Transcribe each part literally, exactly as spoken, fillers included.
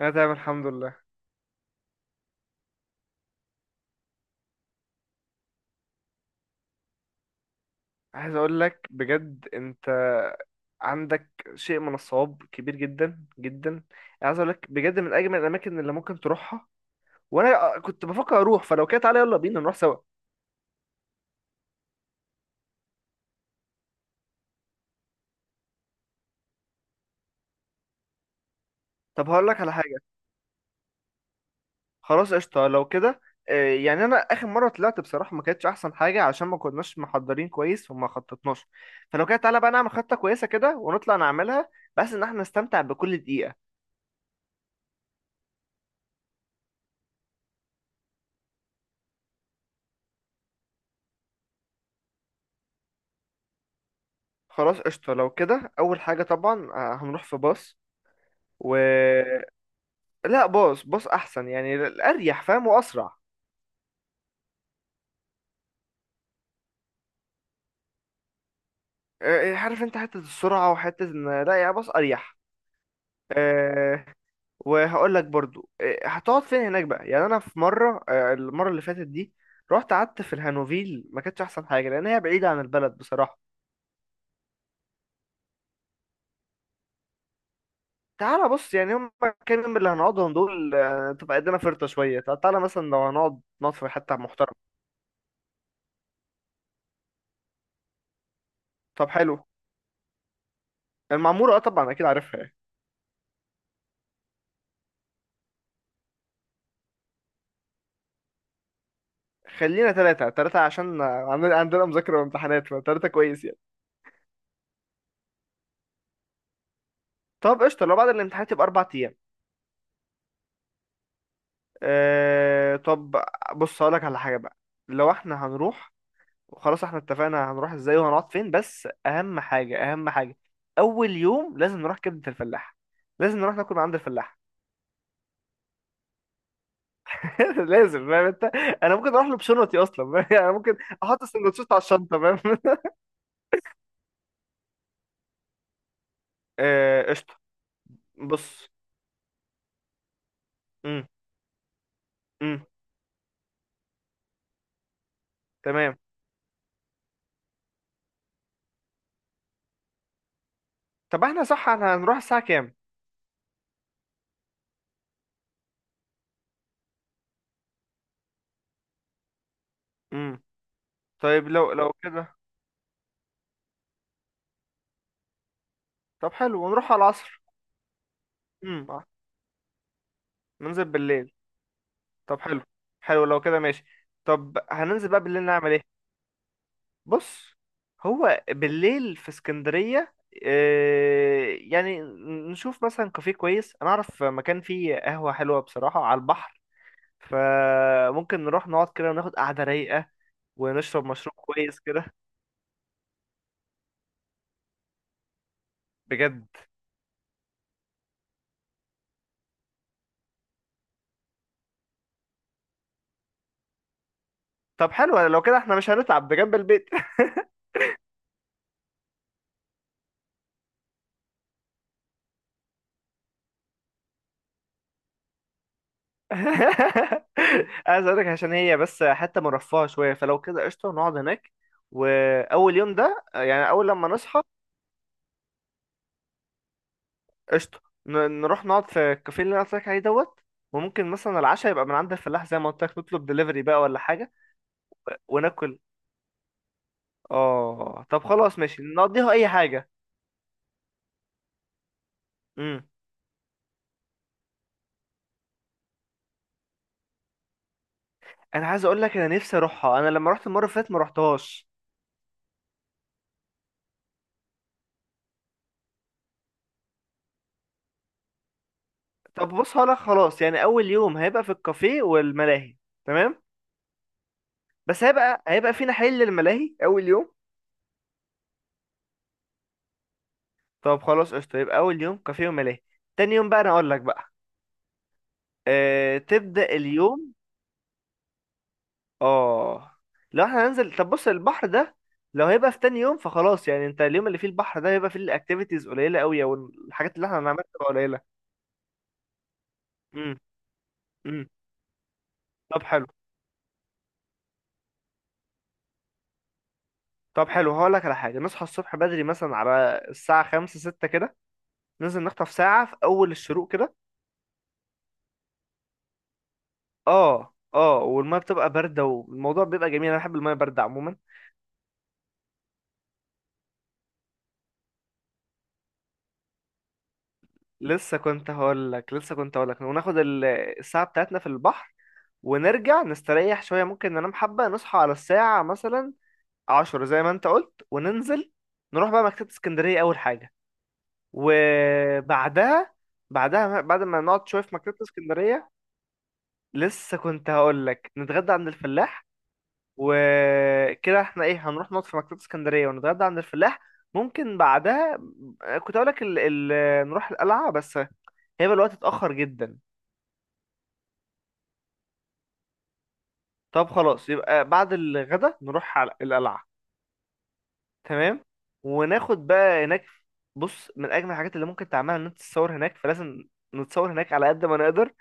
انا تمام، الحمد لله. عايز اقول لك، بجد انت عندك شيء من الصواب كبير جدا جدا. عايز اقول لك بجد من اجمل الاماكن اللي ممكن تروحها، وانا كنت بفكر اروح، فلو كده تعالى يلا بينا نروح سوا. طب هقول لك على حاجه. خلاص، قشطه لو كده. آه، يعني انا اخر مره طلعت بصراحه ما كانتش احسن حاجه عشان ما كناش محضرين كويس وما خططناش. فلو كده تعالى بقى نعمل خطه كويسه كده ونطلع نعملها، بس ان احنا نستمتع بكل دقيقه. خلاص، قشطه لو كده. اول حاجه طبعا، آه، هنروح في باص. و لا، باص باص احسن، يعني الاريح فاهم واسرع. آه، عارف انت حته السرعه وحته ان لا، يا باص اريح. أه وهقول لك برضو، أه هتقعد فين هناك بقى. يعني انا في مره، أه المره اللي فاتت دي رحت قعدت في الهانوفيل، ما كانتش احسن حاجه لان هي بعيده عن البلد بصراحه. تعالى بص، يعني هم كام يوم اللي هنقعدهم دول، آه، تبقى قدنا فرطه شويه، تعالى مثلا لو هنقعد نقعد في حته محترمه. طب حلو. المعموره اه طبعا اكيد عارفها يعني. خلينا ثلاثة ثلاثة عشان عن- عندنا مذاكرة وامتحانات، فثلاثة كويس يعني. طب قشطة، لو بعد الامتحانات يبقى أربع أيام. أه طب بص هقولك على حاجة بقى. لو احنا هنروح، وخلاص احنا اتفقنا هنروح ازاي وهنقعد فين، بس أهم حاجة أهم حاجة، أول يوم لازم نروح كبدة الفلاح، لازم نروح ناكل من عند الفلاح. لازم، فاهم انت؟ انا ممكن اروح له بشنطتي اصلا، فاهم؟ يعني انا ممكن احط السندوتشات على الشنطه، فاهم؟ آه، قشطه. بص. امم. امم. تمام. طب احنا، صح؟ احنا هنروح الساعه كام؟ امم. طيب لو لو كده. طب حلو، ونروح على العصر. امم. ننزل بالليل. طب حلو. حلو لو كده، ماشي. طب هننزل بقى بالليل نعمل ايه؟ بص، هو بالليل في اسكندرية إيه يعني؟ نشوف مثلا كافيه كويس، انا اعرف مكان فيه قهوة حلوة بصراحة على البحر، فممكن نروح نقعد كده وناخد قعدة رايقة، ونشرب مشروب كويس كده. بجد. طب حلو، لو كده احنا مش هنتعب، ده جنب البيت. عايز اقولك، عشان هي بس حتة مرفهة شوية، فلو كده قشطة نقعد هناك. وأول يوم ده يعني، أول لما نصحى، قشطة ن- نروح نقعد في الكافيه اللي أنا قلت لك عليه دوت. وممكن مثلا العشاء يبقى من عند الفلاح، زي ما قلت لك، نطلب دليفري بقى ولا حاجة وناكل. اه طب خلاص، ماشي نقضيها أي حاجة. امم. أنا عايز أقول لك، أنا نفسي أروحها، أنا لما رحت المرة اللي فاتت ما رحتهاش. طب بص هقولك خلاص، يعني أول يوم هيبقى في الكافيه والملاهي. تمام. بس هيبقى هيبقى فينا حل للملاهي أول يوم. طب خلاص، قشطة يبقى أول يوم كافيه وملاهي. تاني يوم بقى أنا أقول لك بقى. أه تبدأ اليوم. اه، لو احنا هننزل، طب بص، البحر ده لو هيبقى في تاني يوم فخلاص، يعني انت اليوم اللي فيه البحر ده هيبقى فيه الاكتيفيتيز قليلة قوي، او الحاجات اللي احنا هنعملها تبقى قليلة. امم. امم. طب حلو. طب حلو، هقول لك على حاجة. نصحى الصبح بدري مثلا على الساعة خمسة ستة كده، ننزل نخطف ساعة في أول الشروق كده. اه، اه، والمية بتبقى باردة والموضوع بيبقى جميل، أنا بحب المية باردة عموما. لسه كنت هقول لك لسه كنت هقول لك، وناخد ال- الساعة بتاعتنا في البحر، ونرجع نستريح شوية، ممكن ننام حبة نصحى على الساعة مثلا عشرة زي ما انت قلت، وننزل نروح بقى مكتبة اسكندرية أول حاجة. وبعدها، بعدها بعد ما نقعد شوية في مكتبة اسكندرية، لسه كنت هقول لك نتغدى عند الفلاح. وكده احنا ايه، هنروح نقعد في مكتبة اسكندرية ونتغدى عند الفلاح. ممكن بعدها كنت هقول لك ال... ال... نروح القلعة، بس هيبقى الوقت اتأخر جدا. طب خلاص، يبقى بعد الغدا نروح على القلعة. تمام. وناخد بقى هناك، بص، من أجمل الحاجات اللي ممكن تعملها إن أنت تتصور هناك، فلازم نتصور هناك على قد ما نقدر.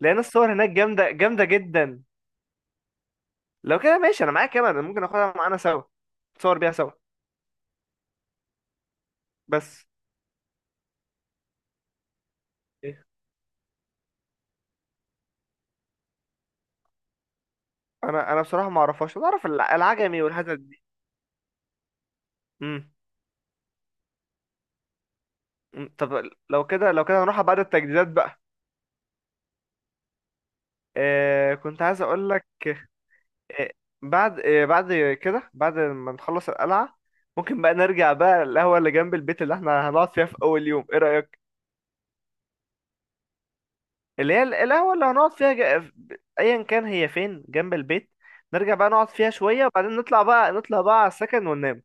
لأن الصور هناك جامدة جامدة جدا. لو كده ماشي، أنا معايا كاميرا، ممكن آخدها معانا سوا، نتصور بيها سوا. بس إيه؟ أنا أنا بصراحة ما أعرفهاش، أنا أعرف الع- العجمي والحتت دي. مم. مم. طب لو كده، لو كده هنروح بعد التجديدات بقى. آه كنت عايز أقول لك، إيه، بعد إيه، بعد كده بعد ما نخلص القلعة، ممكن بقى نرجع بقى القهوة اللي جنب البيت اللي احنا هنقعد فيها في أول يوم، ايه رأيك؟ اللي هي ال- القهوة اللي هنقعد فيها، ج... أيا كان هي فين جنب البيت، نرجع بقى نقعد فيها شوية، وبعدين نطلع بقى، نطلع بقى على السكن وننام.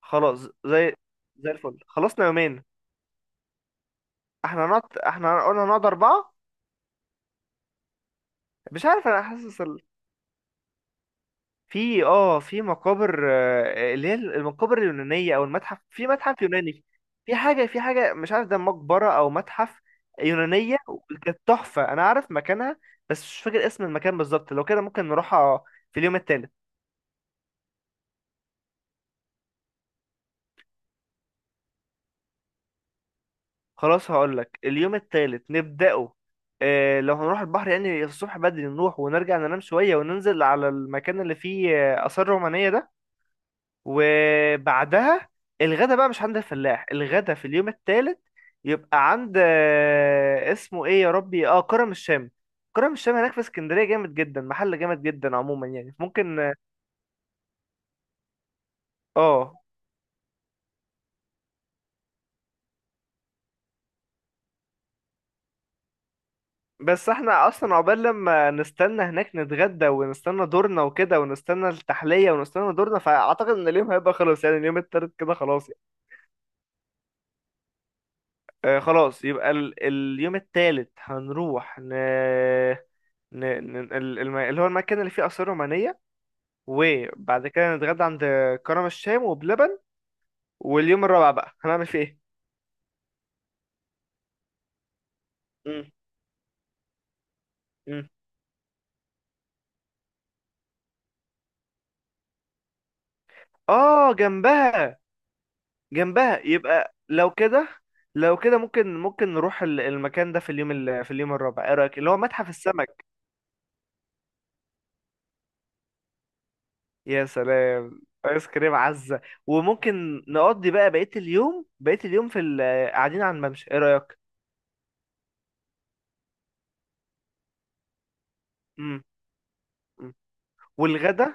خلاص، زي زي الفل، خلصنا يومين. احنا هنقعد احنا قلنا هنقعد أربعة. مش عارف، أنا حاسس، في اه في مقابر، آه، اللي هي المقابر اليونانية او المتحف، في متحف يوناني. في حاجة في حاجة، مش عارف ده مقبرة او متحف يونانية. كانت تحفة، انا عارف مكانها، بس مش فاكر اسم المكان بالظبط. لو كده ممكن نروحها في اليوم التالت. خلاص، هقول لك، اليوم التالت نبدأه، آه، لو هنروح البحر يعني الصبح بدري، نروح ونرجع ننام شوية وننزل على المكان اللي فيه آه، آثار رومانية ده. وبعدها الغدا بقى مش عند الفلاح. الغدا في اليوم الثالث يبقى عند، آه، اسمه ايه يا ربي، اه كرم الشام. كرم الشام هناك في اسكندرية جامد جدا، محل جامد جدا عموما يعني ممكن. اه، بس احنا اصلا عقبال لما نستنى هناك نتغدى ونستنى دورنا وكده، ونستنى التحلية ونستنى دورنا، فاعتقد ان اليوم هيبقى خلاص يعني، اليوم التالت كده خلاص يعني. آه خلاص، يبقى ال اليوم التالت هنروح ن... ن... ن... ال- الم- اللي هو المكان اللي فيه آثار رومانية، وبعد كده نتغدى عند كرم الشام وبلبن. واليوم الرابع بقى هنعمل فيه ايه؟ مم. مم. اه جنبها، جنبها يبقى لو كده، لو كده ممكن ممكن نروح ال- المكان ده في اليوم ال- في اليوم الرابع، ايه رايك، اللي هو متحف السمك. يا سلام، ايس كريم عزه. وممكن نقضي بقى بقيه اليوم، بقيه اليوم في ال- قاعدين على الممشى، ايه رايك. امم. والغدا،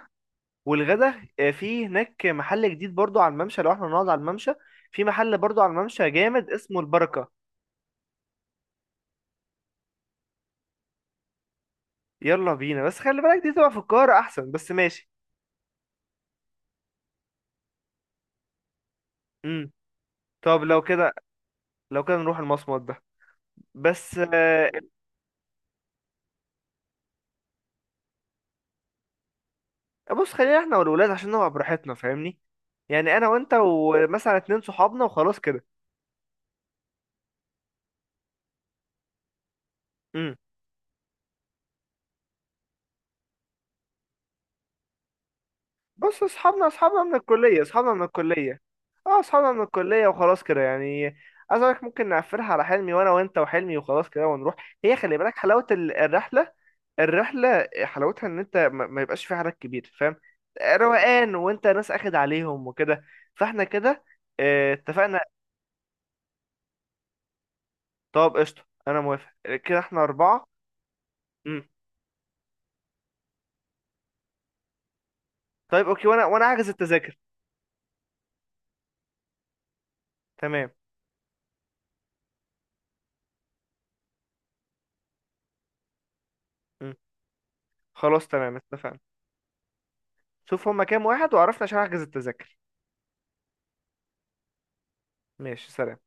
والغدا آه، في هناك محل جديد برضو على الممشى، لو احنا نقعد على الممشى، في محل برضو على الممشى جامد اسمه البركة. يلا بينا، بس خلي بالك دي تبقى في القاهرة احسن، بس ماشي. امم. طب لو كده، لو كده نروح المصمت ده. بس آه، بص خلينا احنا والولاد عشان نبقى براحتنا فاهمني، يعني انا وانت ومثلا اتنين صحابنا وخلاص كده. بص، اصحابنا اصحابنا من الكلية، اصحابنا من الكلية. اه، اصحابنا من الكلية وخلاص كده يعني. عايز أقولك، ممكن نقفلها على حلمي، وانا وانت وحلمي وخلاص كده ونروح. هي خلي بالك، حلاوة ال- الرحلة، الرحلة حلاوتها ان انت ما ما يبقاش في حدك كبير، فاهم. روقان، وانت ناس اخد عليهم وكده، فاحنا كده آه، اتفقنا. طب قشطة، انا موافق. كده احنا اربعة. مم. طيب اوكي، وانا وانا احجز التذاكر. تمام. مم. خلاص تمام، اتفقنا. شوف هما كام واحد وعرفنا، عشان احجز التذاكر. ماشي، سلام.